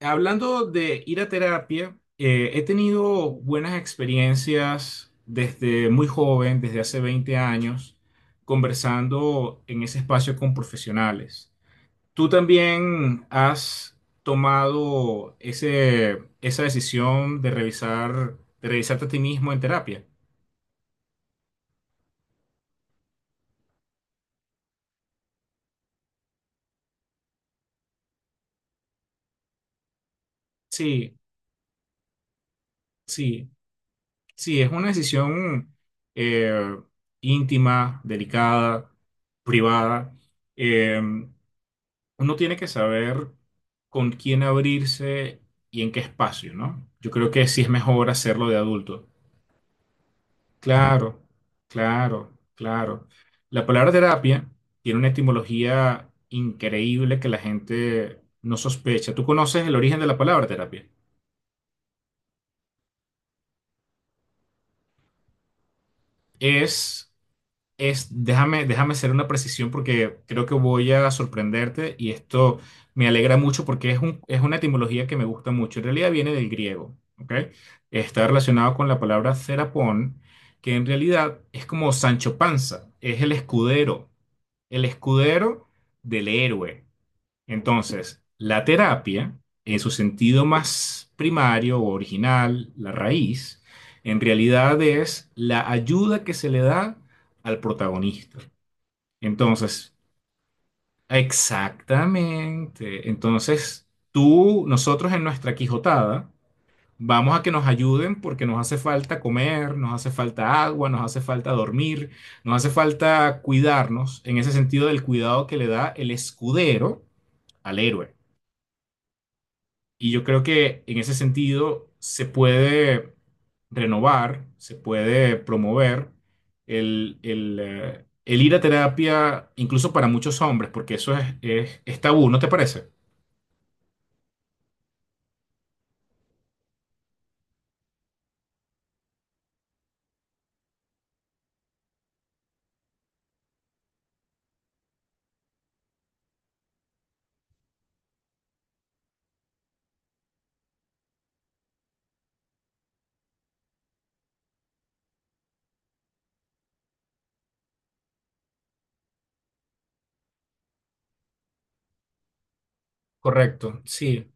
Hablando de ir a terapia, he tenido buenas experiencias desde muy joven, desde hace 20 años, conversando en ese espacio con profesionales. ¿Tú también has tomado esa decisión de revisarte a ti mismo en terapia? Sí, sí, sí, es una decisión eh, íntima, delicada, privada. Em, Uno tiene que saber con quién abrirse y en qué espacio, ¿no? Yo creo que sí es mejor hacerlo de adulto. Claro, claro, claro. La palabra terapia tiene una etimología increíble que la gente no sospecha. ¿Tú conoces el origen de la palabra terapia? Es déjame hacer una precisión porque creo que voy a sorprenderte y esto me alegra mucho porque es una etimología que me gusta mucho. En realidad viene del griego, ¿ok? Está relacionado con la palabra cerapón, que en realidad es como Sancho Panza, es el escudero del héroe. Entonces, la terapia, en su sentido más primario o original, la raíz, en realidad es la ayuda que se le da al protagonista. Entonces, exactamente. Entonces, nosotros en nuestra Quijotada, vamos a que nos ayuden porque nos hace falta comer, nos hace falta agua, nos hace falta dormir, nos hace falta cuidarnos, en ese sentido del cuidado que le da el escudero al héroe. Y yo creo que en ese sentido se puede renovar, se puede promover el ir a terapia, incluso para muchos hombres, porque eso es tabú, ¿no te parece? Correcto, sí,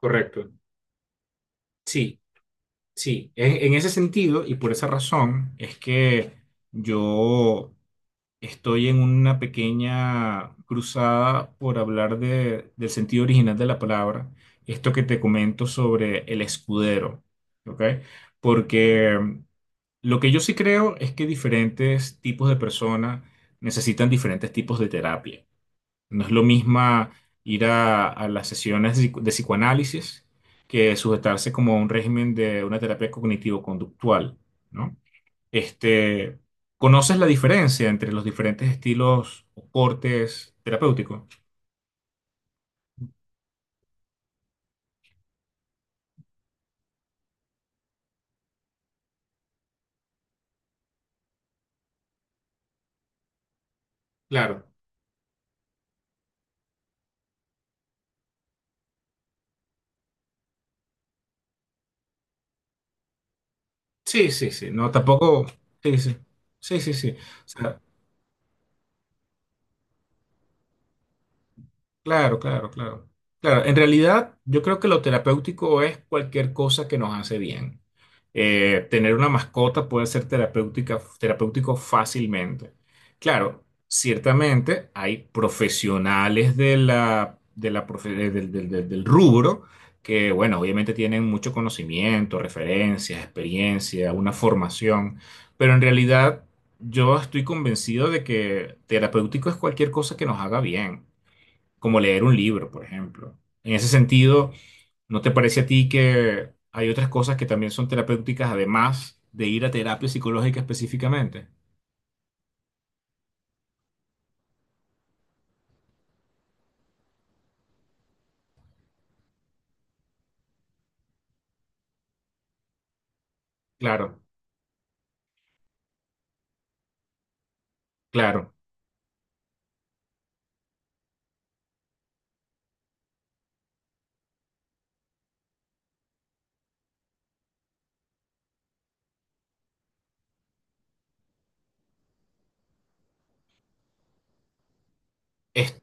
correcto. Sí, sí. En ese sentido y por esa razón es que yo estoy en una pequeña cruzada por hablar del sentido original de la palabra, esto que te comento sobre el escudero, ¿ok? Porque lo que yo sí creo es que diferentes tipos de personas necesitan diferentes tipos de terapia. No es lo mismo ir a las sesiones de psicoanálisis que sujetarse como a un régimen de una terapia cognitivo-conductual, ¿no? Este, ¿conoces la diferencia entre los diferentes estilos o cortes terapéuticos? Claro. Sí, sí, sí. No, tampoco. Sí, sí. Sí, sí, sí. O sea, claro, claro, claro. Claro, en realidad yo creo que lo terapéutico es cualquier cosa que nos hace bien. Tener una mascota puede ser terapéutica, terapéutico fácilmente. Claro, ciertamente hay profesionales de la del rubro que, bueno, obviamente tienen mucho conocimiento, referencias, experiencia, una formación, pero en realidad yo estoy convencido de que terapéutico es cualquier cosa que nos haga bien como leer un libro, por ejemplo. En ese sentido, ¿no te parece a ti que hay otras cosas que también son terapéuticas además de ir a terapia psicológica específicamente? Claro, claro. Es-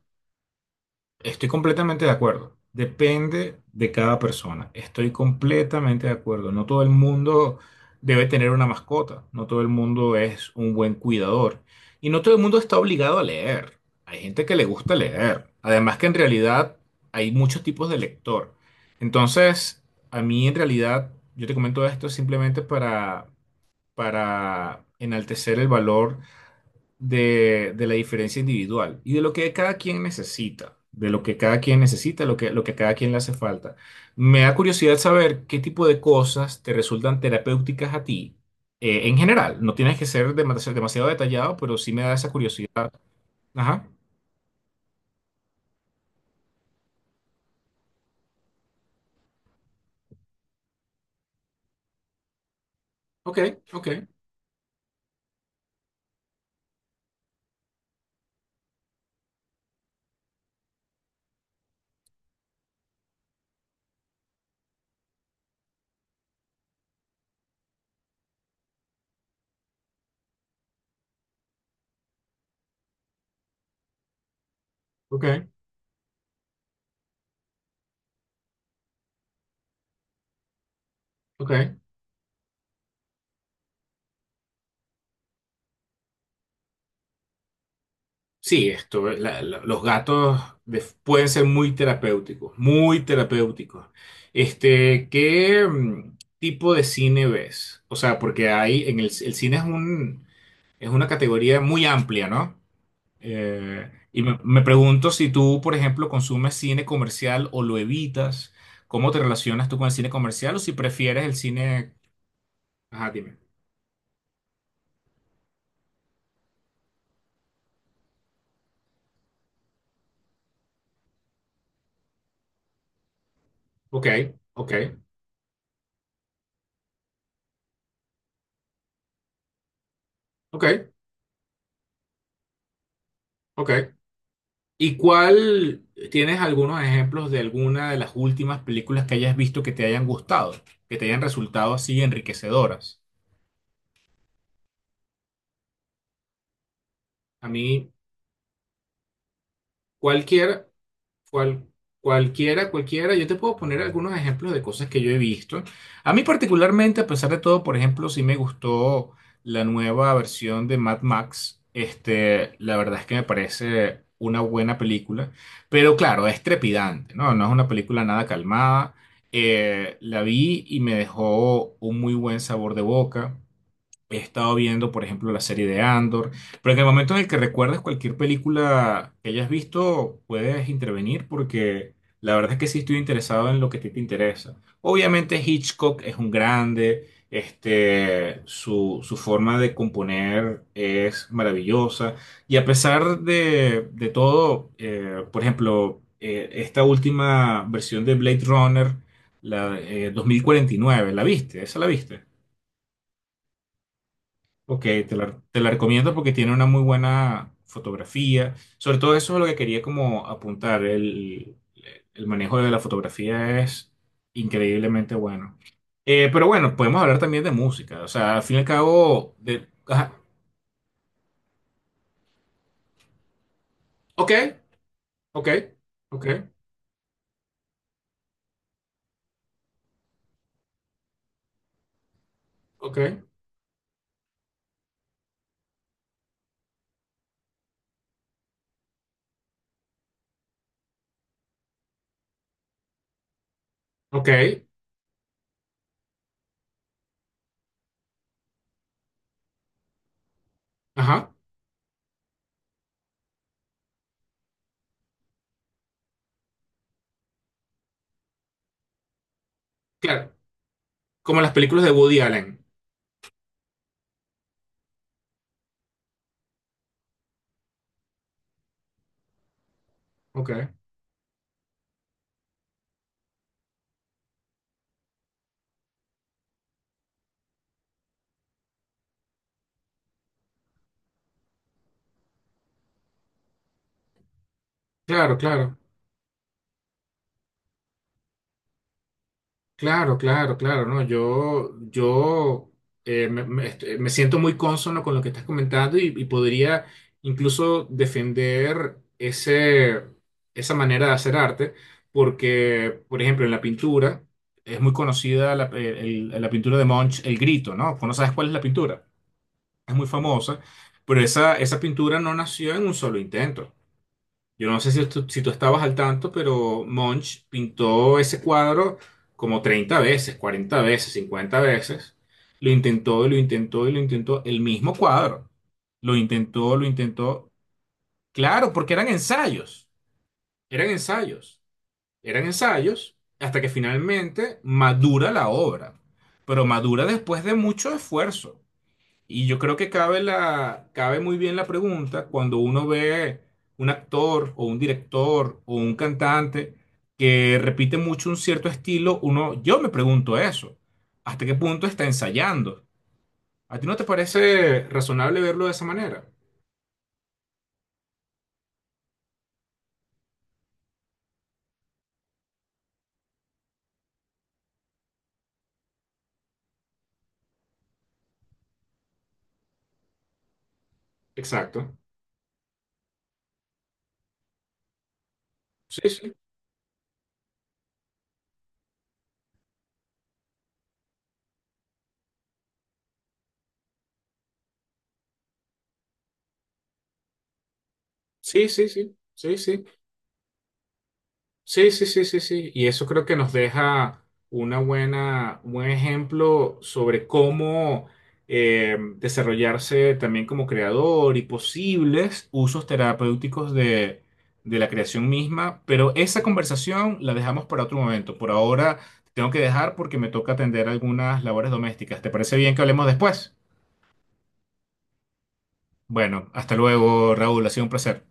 Estoy completamente de acuerdo. Depende de cada persona. Estoy completamente de acuerdo. No todo el mundo debe tener una mascota. No todo el mundo es un buen cuidador. Y no todo el mundo está obligado a leer. Hay gente que le gusta leer. Además que en realidad hay muchos tipos de lector. Entonces, a mí en realidad, yo te comento esto simplemente para enaltecer el valor de la diferencia individual y de lo que cada quien necesita, de lo que cada quien necesita, lo que a cada quien le hace falta. Me da curiosidad saber qué tipo de cosas te resultan terapéuticas a ti, en general. No tienes que ser demasiado, demasiado detallado, pero sí me da esa curiosidad. Ajá. Ok, ok, ok, ok. Sí, esto, los gatos pueden ser muy terapéuticos, muy terapéuticos. Este, ¿qué tipo de cine ves? O sea, porque hay en el cine es una categoría muy amplia, ¿no? Y me pregunto si tú, por ejemplo, consumes cine comercial o lo evitas, ¿cómo te relacionas tú con el cine comercial o si prefieres el cine? Ajá, dime. Ok, ok, ok, ok. ¿Y cuál, tienes algunos ejemplos de alguna de las últimas películas que hayas visto que te hayan gustado, que te hayan resultado así enriquecedoras? A mí, cualquier Cual- cualquiera, cualquiera. Yo te puedo poner algunos ejemplos de cosas que yo he visto. A mí particularmente, a pesar de todo, por ejemplo, sí me gustó la nueva versión de Mad Max. Este, la verdad es que me parece una buena película, pero claro, es trepidante, ¿no? No es una película nada calmada. La vi y me dejó un muy buen sabor de boca. He estado viendo, por ejemplo, la serie de Andor, pero en el momento en el que recuerdes cualquier película que hayas visto, puedes intervenir porque la verdad es que sí estoy interesado en lo que a ti te interesa. Obviamente Hitchcock es un grande, este, su forma de componer es maravillosa y a pesar de todo, por ejemplo, esta última versión de Blade Runner, la 2049, ¿la viste? ¿Esa la viste? Ok, te la recomiendo porque tiene una muy buena fotografía. Sobre todo eso es lo que quería como apuntar. El manejo de la fotografía es increíblemente bueno. Pero bueno, podemos hablar también de música. O sea, al fin y al cabo, ajá, ok, ok, ok, ok, ok, ajá, claro. Como las películas de Woody Allen. Ok, claro, claro. Claro, claro, claro, no, yo este, me siento muy cónsono con lo que estás comentando y, podría incluso defender esa manera de hacer arte, porque, por ejemplo, en la pintura es muy conocida la pintura de Munch, El Grito, ¿no? Pues no sabes cuál es la pintura, es muy famosa, pero esa pintura no nació en un solo intento. Yo no sé si tú estabas al tanto, pero Munch pintó ese cuadro como 30 veces, 40 veces, 50 veces. Lo intentó, y lo intentó y lo intentó. El mismo cuadro. Lo intentó, lo intentó. Claro, porque eran ensayos. Eran ensayos. Eran ensayos hasta que finalmente madura la obra. Pero madura después de mucho esfuerzo. Y yo creo que cabe muy bien la pregunta cuando uno ve un actor o un director o un cantante que repite mucho un cierto estilo, yo me pregunto eso, ¿hasta qué punto está ensayando? ¿A ti no te parece razonable verlo de esa manera? Exacto. Sí, sí, sí, sí, sí, sí, sí. Sí, sí, sí, sí, sí. Y eso creo que nos deja un buen ejemplo sobre cómo desarrollarse también como creador y posibles usos terapéuticos de la creación misma. Pero esa conversación la dejamos para otro momento. Por ahora tengo que dejar porque me toca atender algunas labores domésticas. ¿Te parece bien que hablemos después? Bueno, hasta luego, Raúl. Ha sido un placer.